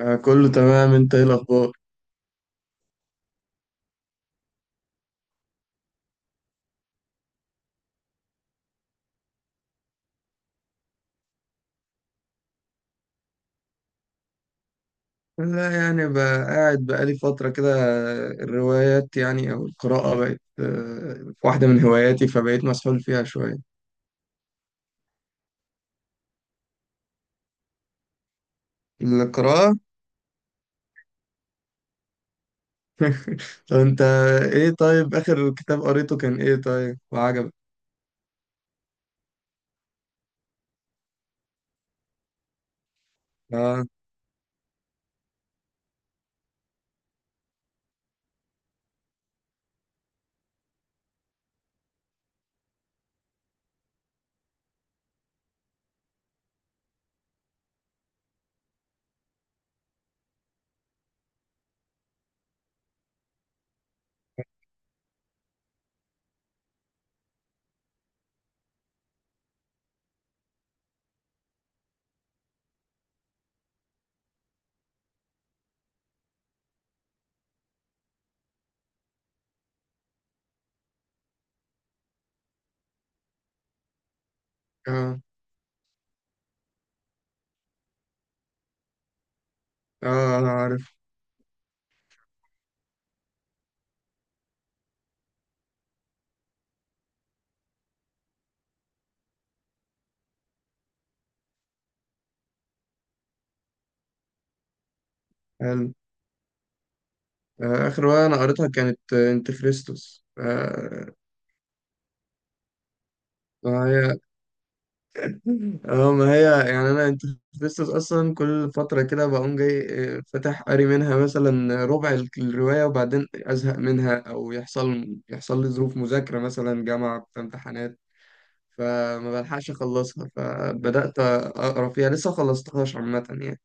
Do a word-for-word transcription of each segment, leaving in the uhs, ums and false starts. آه، كله تمام، انت ايه الاخبار؟ لا يعني، بقى قاعد بقالي فتره كده. آه، الروايات يعني او القراءه بقت آه، واحده من هواياتي، فبقيت مسحول فيها شويه. القراءه. طب انت ايه طيب، اخر كتاب قريته كان ايه طيب وعجبك؟ اه. اه. اه انا عارف. حلو. آه، اخر روايه انا قريتها كانت، آه، انت خريستوس. آه، آه، هي. اه ما هي. يعني انا انت، لسه اصلا كل فتره كده بقوم جاي، آه، فاتح قاري منها مثلا ربع ال- الروايه، وبعدين ازهق منها او يحصل يحصل لي ظروف مذاكره، مثلا جامعه في امتحانات، فما بلحقش اخلصها، فبدات اقرا فيها لسه ما خلصتهاش عامه يعني.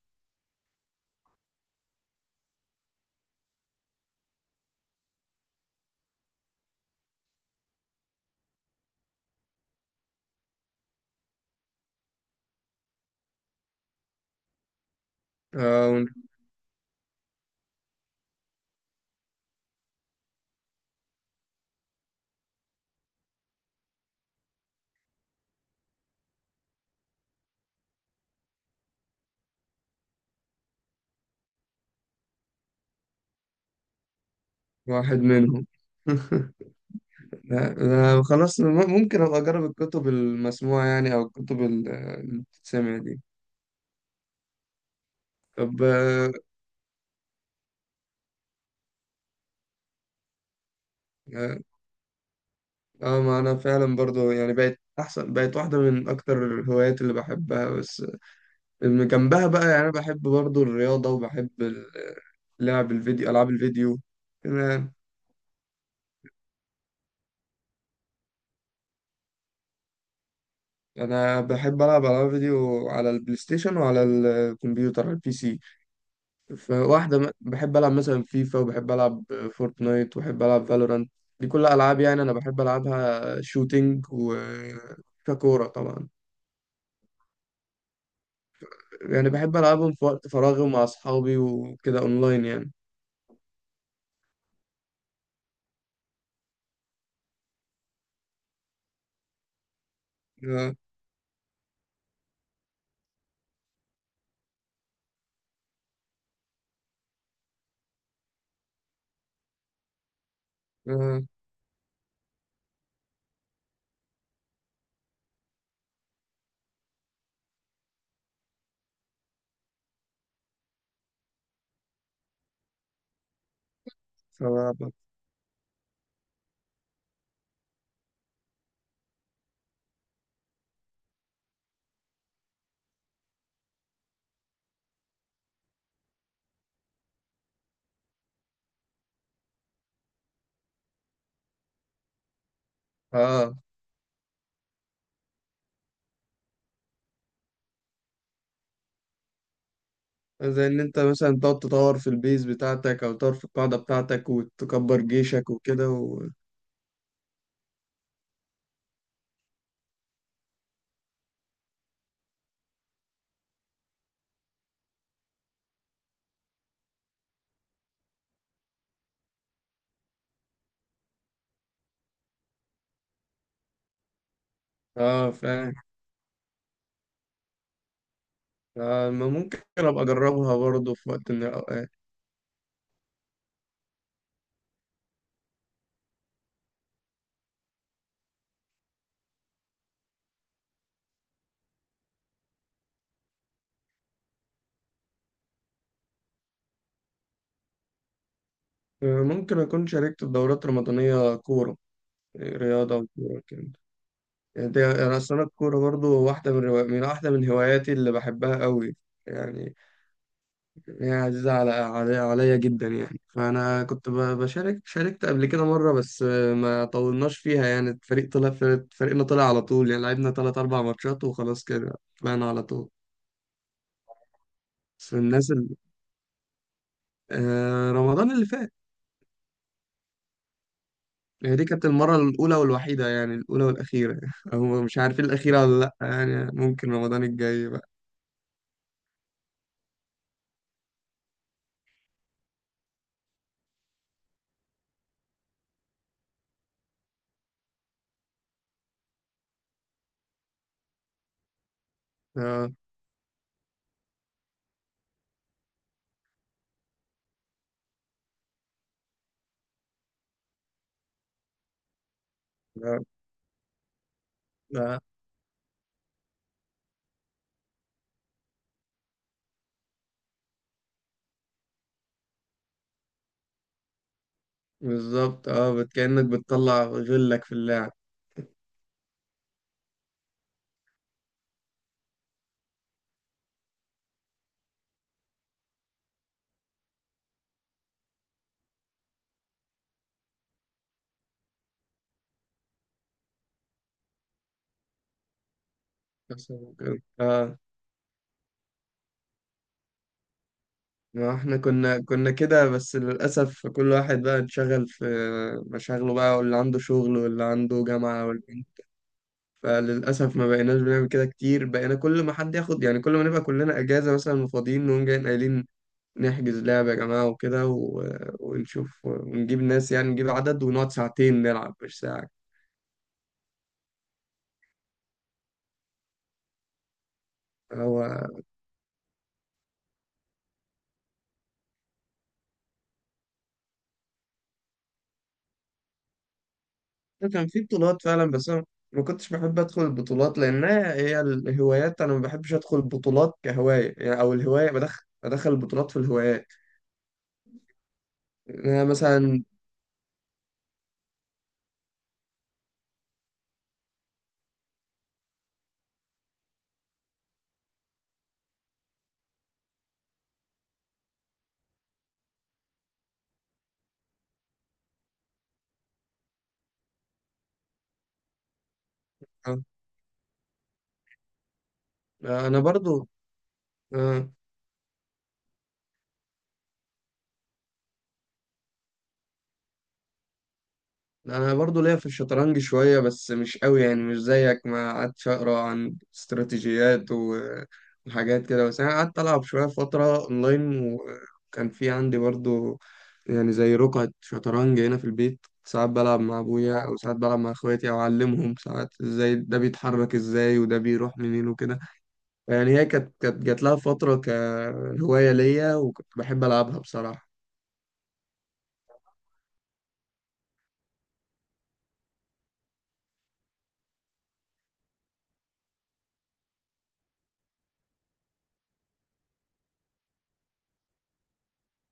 آه، وأنت. واحد منهم. لا لا، خلاص، م- ممكن ابقى اجرب الكتب المسموعه يعني، او الكتب ال- اللي بتتسمع دي. طب. آه، آه، اه ما انا فعلا برضو يعني بقت احسن، بقت واحده من اكتر الهوايات اللي بحبها، بس من جنبها بقى، يعني انا بحب برضو الرياضه، وبحب ال- لعب الفيديو، العاب الفيديو. تمام. انا بحب العب العاب فيديو على البلاي ستيشن وعلى الكمبيوتر، على البي سي. فواحده م- بحب العب مثلا فيفا، وبحب العب فورتنايت، وبحب العب فالورانت. دي كلها العاب يعني انا بحب العبها، شوتينج و ككورة طبعا. يعني بحب ألعبهم في وقت فراغي ومع أصحابي وكده، أونلاين يعني. اه. اه. صعب. اه. زي ان انت مثلا تقعد تطور في البيز بتاعتك، او تطور في القاعدة بتاعتك، وتكبر جيشك وكده و... اه فاهم. آه ما ممكن ابقى اجربها برضه في وقت من الاوقات. آه، ممكن اكون شاركت في دورات رمضانية، كورة، رياضة وكورة كده. يعني دي- انا اصلا الكورة برضه واحدة من روا... من واحدة من هواياتي اللي بحبها قوي يعني. يعني عزيزة على علي- عليا جدا يعني، فأنا كنت ب- بشارك، شاركت قبل كده مرة، بس آه، ما طولناش فيها يعني، الفريق طلع فريق- فريقنا طلع على طول يعني، لعبنا تلات أربع ماتشات وخلاص كده، طلعنا على طول. بس الناس ال... آه، رمضان اللي فات. يعني دي كانت المرة الأولى والوحيدة، يعني الأولى والأخيرة، أو مش عارفين الأخيرة ولا لأ يعني، ممكن رمضان الجاي بقى. اه. لا لا. بالظبط. اه، بت- كأنك بتطلع غلك في اللعب. بس هو كده. اه. ما احنا كنا كنا كده، بس للأسف كل واحد بقى اتشغل في مشاغله بقى، واللي عنده شغل، واللي عنده جامعة، واللي، فللأسف ما بقيناش بنعمل كده كتير، بقينا كل ما حد ياخد يعني، كل ما نبقى كلنا أجازة مثلا وفاضيين، نقوم جايين قايلين نحجز لعبة يا جماعة وكده و... ونشوف ونجيب ناس، يعني نجيب عدد ونقعد ساعتين نلعب، مش ساعة. هو كان في بطولات فعلا، بس انا ما كنتش بحب ادخل البطولات، لانها هي الهوايات، انا ما بحبش ادخل البطولات كهوايه يعني، او الهوايه، بدخل بدخل البطولات في الهوايات. يعني انا مثلا آه، انا برضو آه، انا برضو ليا في الشطرنج شوية، بس مش قوي يعني، مش زيك، ما قعدتش اقرا عن استراتيجيات و- وحاجات كده، بس انا قعدت العب شوية فترة اونلاين، وكان في عندي برضو يعني زي رقعة شطرنج هنا في البيت، ساعات بلعب مع ابويا، او ساعات بلعب مع اخواتي، او اعلمهم ساعات ازاي ده بيتحرك، ازاي وده بيروح منين وكده. يعني هي كانت كانت جات لها فترة كهواية ليا، وكنت بحب العبها بصراحة.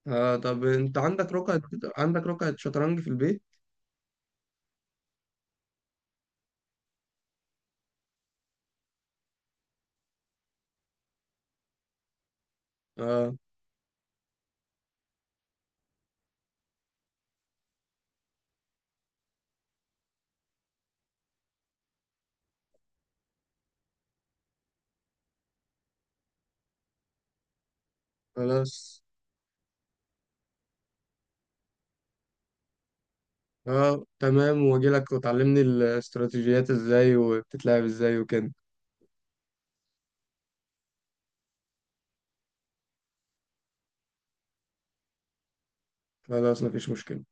آه طب انت عندك رقعة عندك رقعة شطرنج في البيت؟ آه. خلاص. اه تمام، واجي لك وتعلمني الاستراتيجيات ازاي وبتتلعب ازاي وكده. خلاص مفيش مشكلة.